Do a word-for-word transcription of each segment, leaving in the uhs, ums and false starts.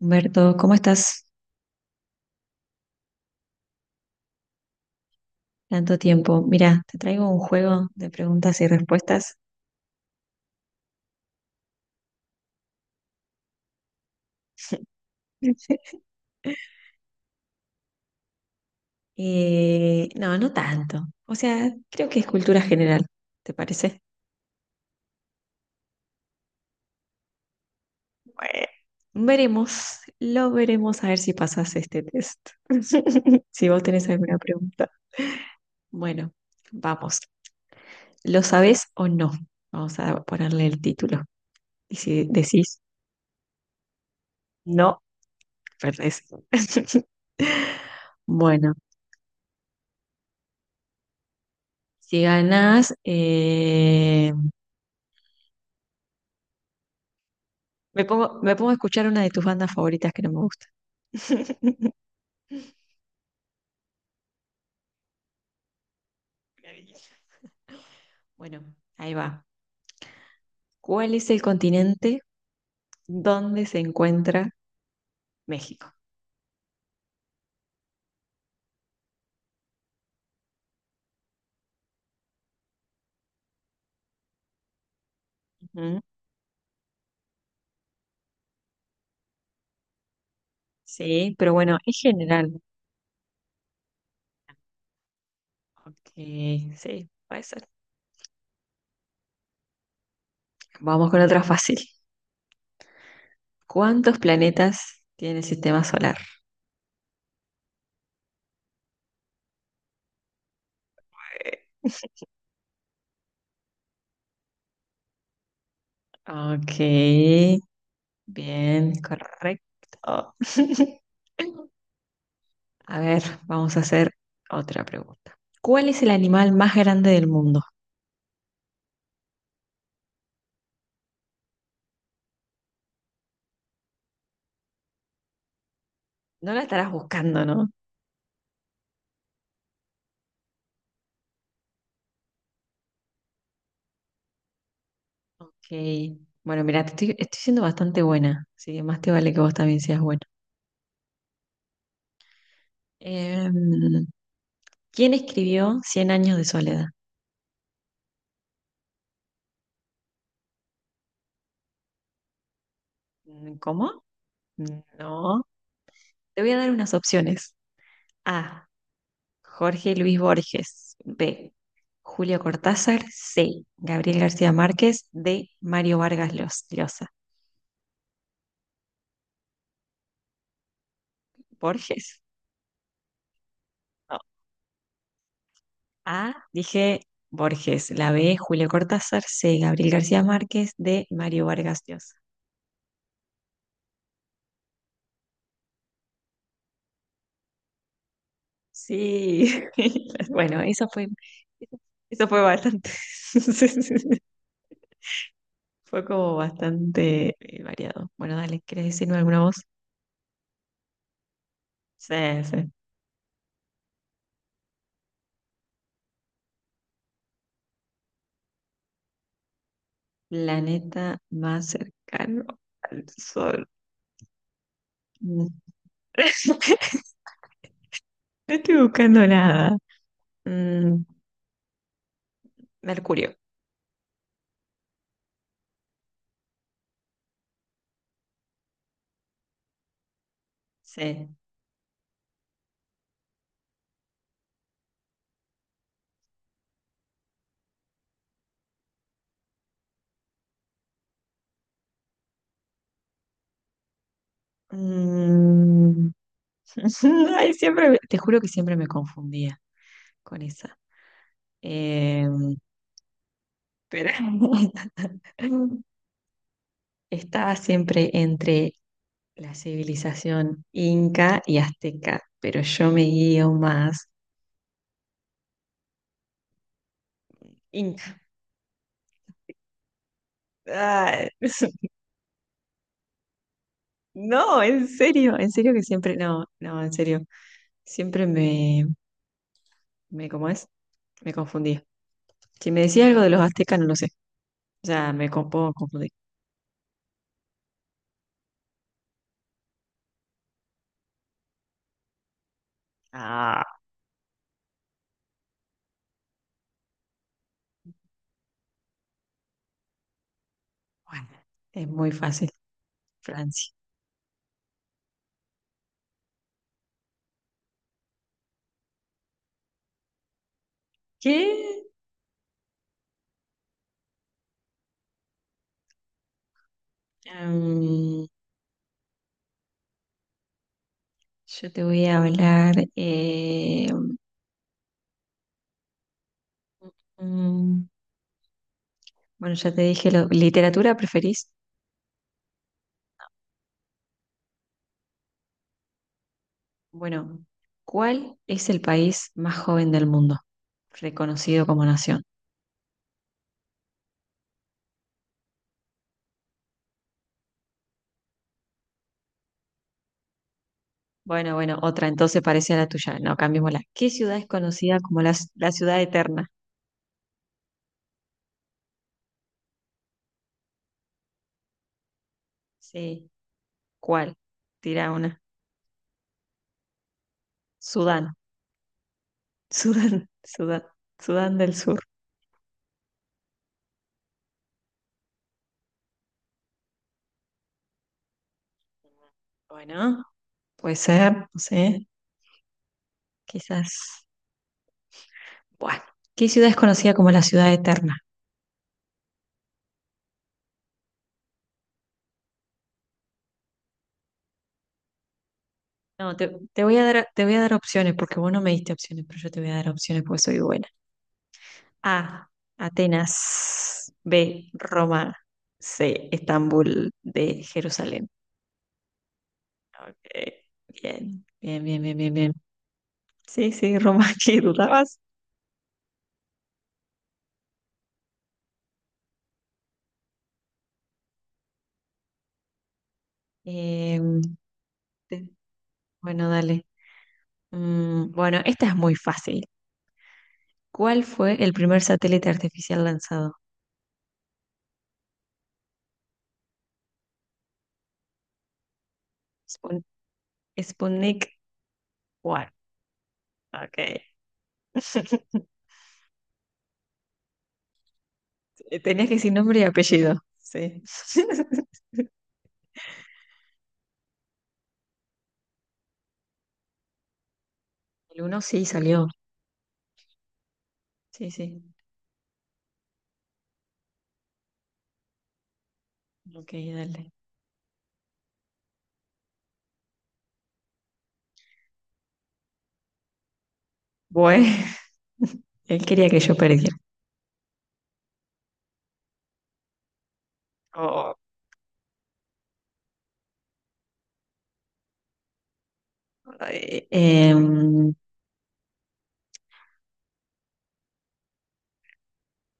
Humberto, ¿cómo estás? Tanto tiempo. Mira, te traigo un juego de preguntas y respuestas. Eh, no, no tanto. O sea, creo que es cultura general, ¿te parece? Bueno, veremos, lo veremos a ver si pasas este test. Si vos tenés alguna pregunta. Bueno, vamos. ¿Lo sabés o no? Vamos a ponerle el título. Y si decís no, perdés. Bueno, si ganás, eh, Me pongo, me pongo a escuchar una de tus bandas favoritas que no me gusta. Maravilloso. Bueno, ahí va. ¿Cuál es el continente donde se encuentra México? Ujú. Sí, pero bueno, es general. Ok, sí, puede ser. Vamos con otra fácil. ¿Cuántos planetas tiene el sistema solar? Eh, Ok, bien, correcto. A ver, vamos a hacer otra pregunta. ¿Cuál es el animal más grande del mundo? No la estarás buscando, ¿no? Ok. Bueno, mira, te estoy, estoy siendo bastante buena, así que más te vale que vos también seas buena. Em, ¿quién escribió Cien años de soledad? Mm, ¿cómo? No. Te voy a dar unas opciones. A. Jorge Luis Borges. B. Julio Cortázar. C. Gabriel García Márquez. D. Mario Vargas Llos- Llosa. Borges. No. A, dije Borges, la B, Julio Cortázar, C, Gabriel García Márquez, D, Mario Vargas Llosa. Sí, bueno, eso fue, eso fue bastante, fue como bastante eh, variado. Bueno, dale, ¿quieres decirme alguna voz? Sí, sí. Planeta más cercano al Sol. Mm. No estoy buscando nada. Mm, Mercurio. Sí. Mm, Ay, siempre, me- te juro que siempre me confundía con esa. Eh, pero estaba siempre entre la civilización inca y azteca, pero yo me guío más inca. Ah, no, en serio, en serio que siempre, no, no, en serio, siempre me, me, ¿cómo es? Me confundía. Si me decía algo de los aztecas, no lo sé, ya me co- puedo confundir. Ah, bueno, es muy fácil, Francia. ¿Qué? Am, yo te voy a hablar. eh, mm, bueno, ya te dije, lo, ¿literatura preferís? Bueno, ¿cuál es el país más joven del mundo, reconocido como nación? Bueno, bueno, otra, entonces parece a la tuya. No, cambiémosla. ¿Qué ciudad es conocida como la, la ciudad eterna? Sí, ¿cuál? Tira una. Sudán, Sudán, Sudán, Sudán del Sur. Bueno, puede ser, no sé, quizás. Bueno, ¿qué ciudad es conocida como la ciudad eterna? No, te, te voy a dar, te voy a dar opciones porque vos no me diste opciones, pero yo te voy a dar opciones porque soy buena. A, Atenas. B, Roma. C, Estambul. D, Jerusalén. Eh, bien, bien, bien, bien, bien, bien. Sí, sí, Roma, ¿qué dudabas? Eh, te- bueno, dale. Mm, bueno, esta es muy fácil. ¿Cuál fue el primer satélite artificial lanzado? Spun- Sputnik uno. Ok. Eh, Tenías que decir nombre y apellido. Sí. El uno sí salió. Sí, sí. Ok, dale. Bueno, él quería que yo perdiera. Oh, ay, em,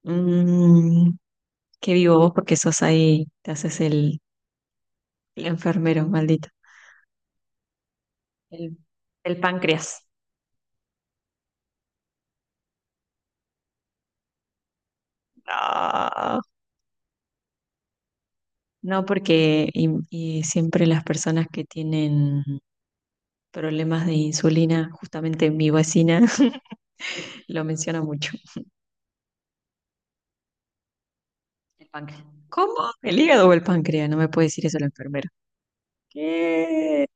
mm, qué vivo vos porque sos ahí, te haces el, el enfermero, maldito. El, el páncreas. No, no porque y y siempre las personas que tienen problemas de insulina, justamente mi vecina lo menciona mucho. El páncreas. ¿Cómo? ¿El hígado o el páncreas? No me puede decir eso la enfermera. ¿Qué?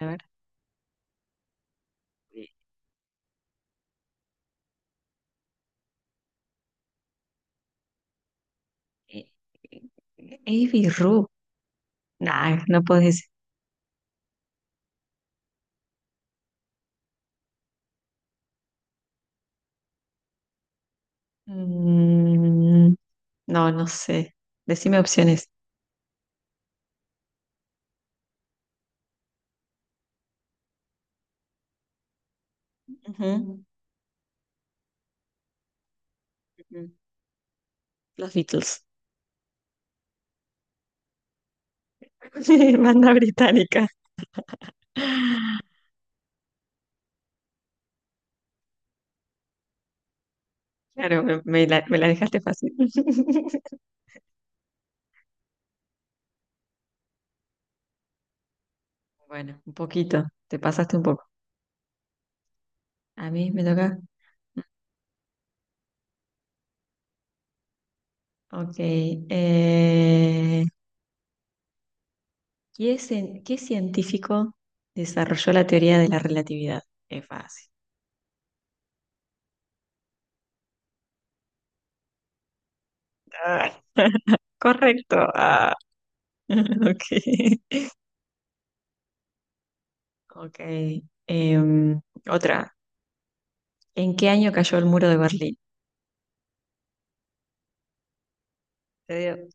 A ver. eh, eh, eh, birru. Nah, no puedes decir. Mm, no, no sé. Decime opciones. Ujú, ujú. Los Beatles. Banda británica. Claro, me, me la, me la dejaste fácil. Bueno, un poquito. Te pasaste un poco. A mí me toca. Ok. eh, ¿qué, cien- qué científico desarrolló la teoría de la relatividad? Es fácil. Ah, correcto. Ah, ok. Ok. em, otra. ¿En qué año cayó el muro de Berlín? Te digo,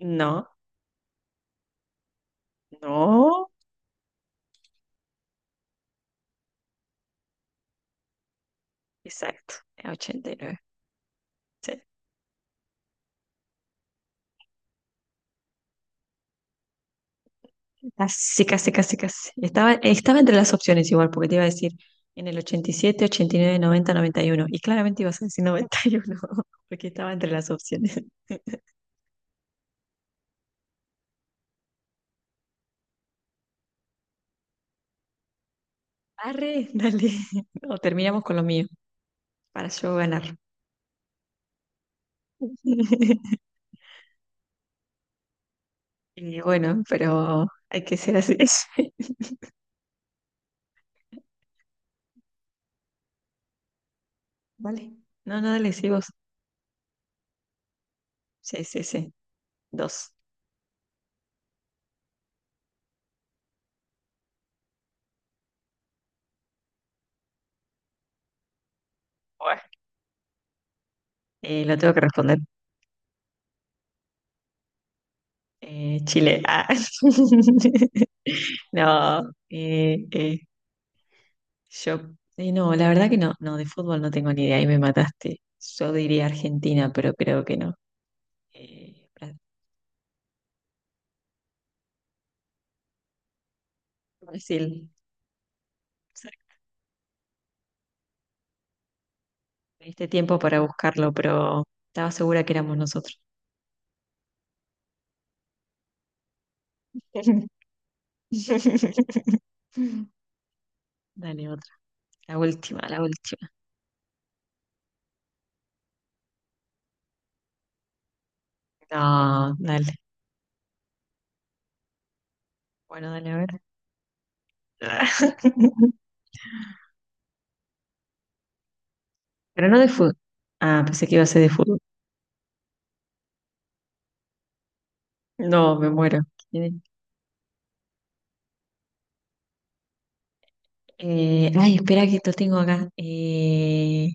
no, no. Exacto. Ochenta y nueve. Sí. Casi, casi, casi, casi. Estaba, estaba entre las opciones igual, porque te iba a decir en el ochenta y siete, ochenta y nueve, noventa, noventa y uno. Y nueve, noventa, noventa y uno. Y claramente ibas a decir noventa y uno, porque estaba entre las opciones. Arre, dale. O terminamos con lo mío, para yo ganar. Y bueno, pero hay que ser así. Dale. No, no, dale, sí, vos. Sí, sí, sí. Dos. Buah. Eh, lo tengo que responder. Eh, Chile. Ah. No, eh, eh, Yo, eh, no, la verdad que no, no, de fútbol no tengo ni idea, ahí me mataste. Yo diría Argentina, pero creo que no. Eh, Bra- Brasil, me diste tiempo para buscarlo, pero estaba segura que éramos nosotros. Dale, otra. La última, la última. No, dale. Bueno, dale, a ver. Pero no de fútbol. Ah, pensé que iba a ser de fútbol. No, me muero. ¿Quién es? Eh, ay, espera que esto tengo acá. Eh,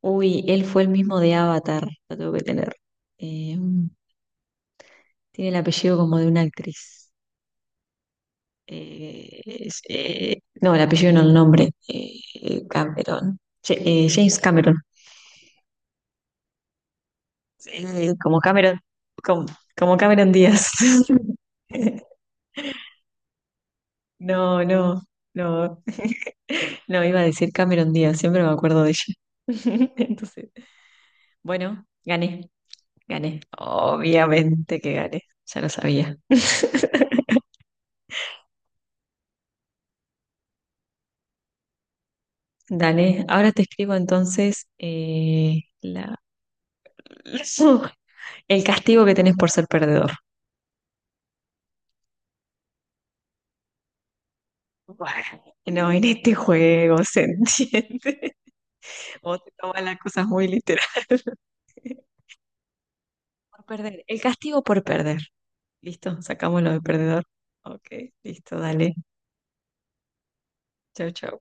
Uy, él fue el mismo de Avatar, lo tengo que tener. Eh, mm, tiene el apellido como de una actriz. Eh, es- eh, no, el apellido no el nombre. Eh, Cameron. Ja- eh, James Cameron. Eh, como Cameron, como, como Cameron Díaz. No, no, no. No, iba a decir Cameron Díaz, siempre me acuerdo de ella. Entonces, bueno, gané, gané. Obviamente que gané, ya lo sabía. Dale, ahora te escribo entonces eh, la- el castigo que tenés por ser perdedor. Bueno, no, en este juego se entiende. Vos te tomas las cosas muy literal. Por perder. El castigo por perder. ¿Listo? Sacamos lo de perdedor. Ok, listo, dale. Chau, chau.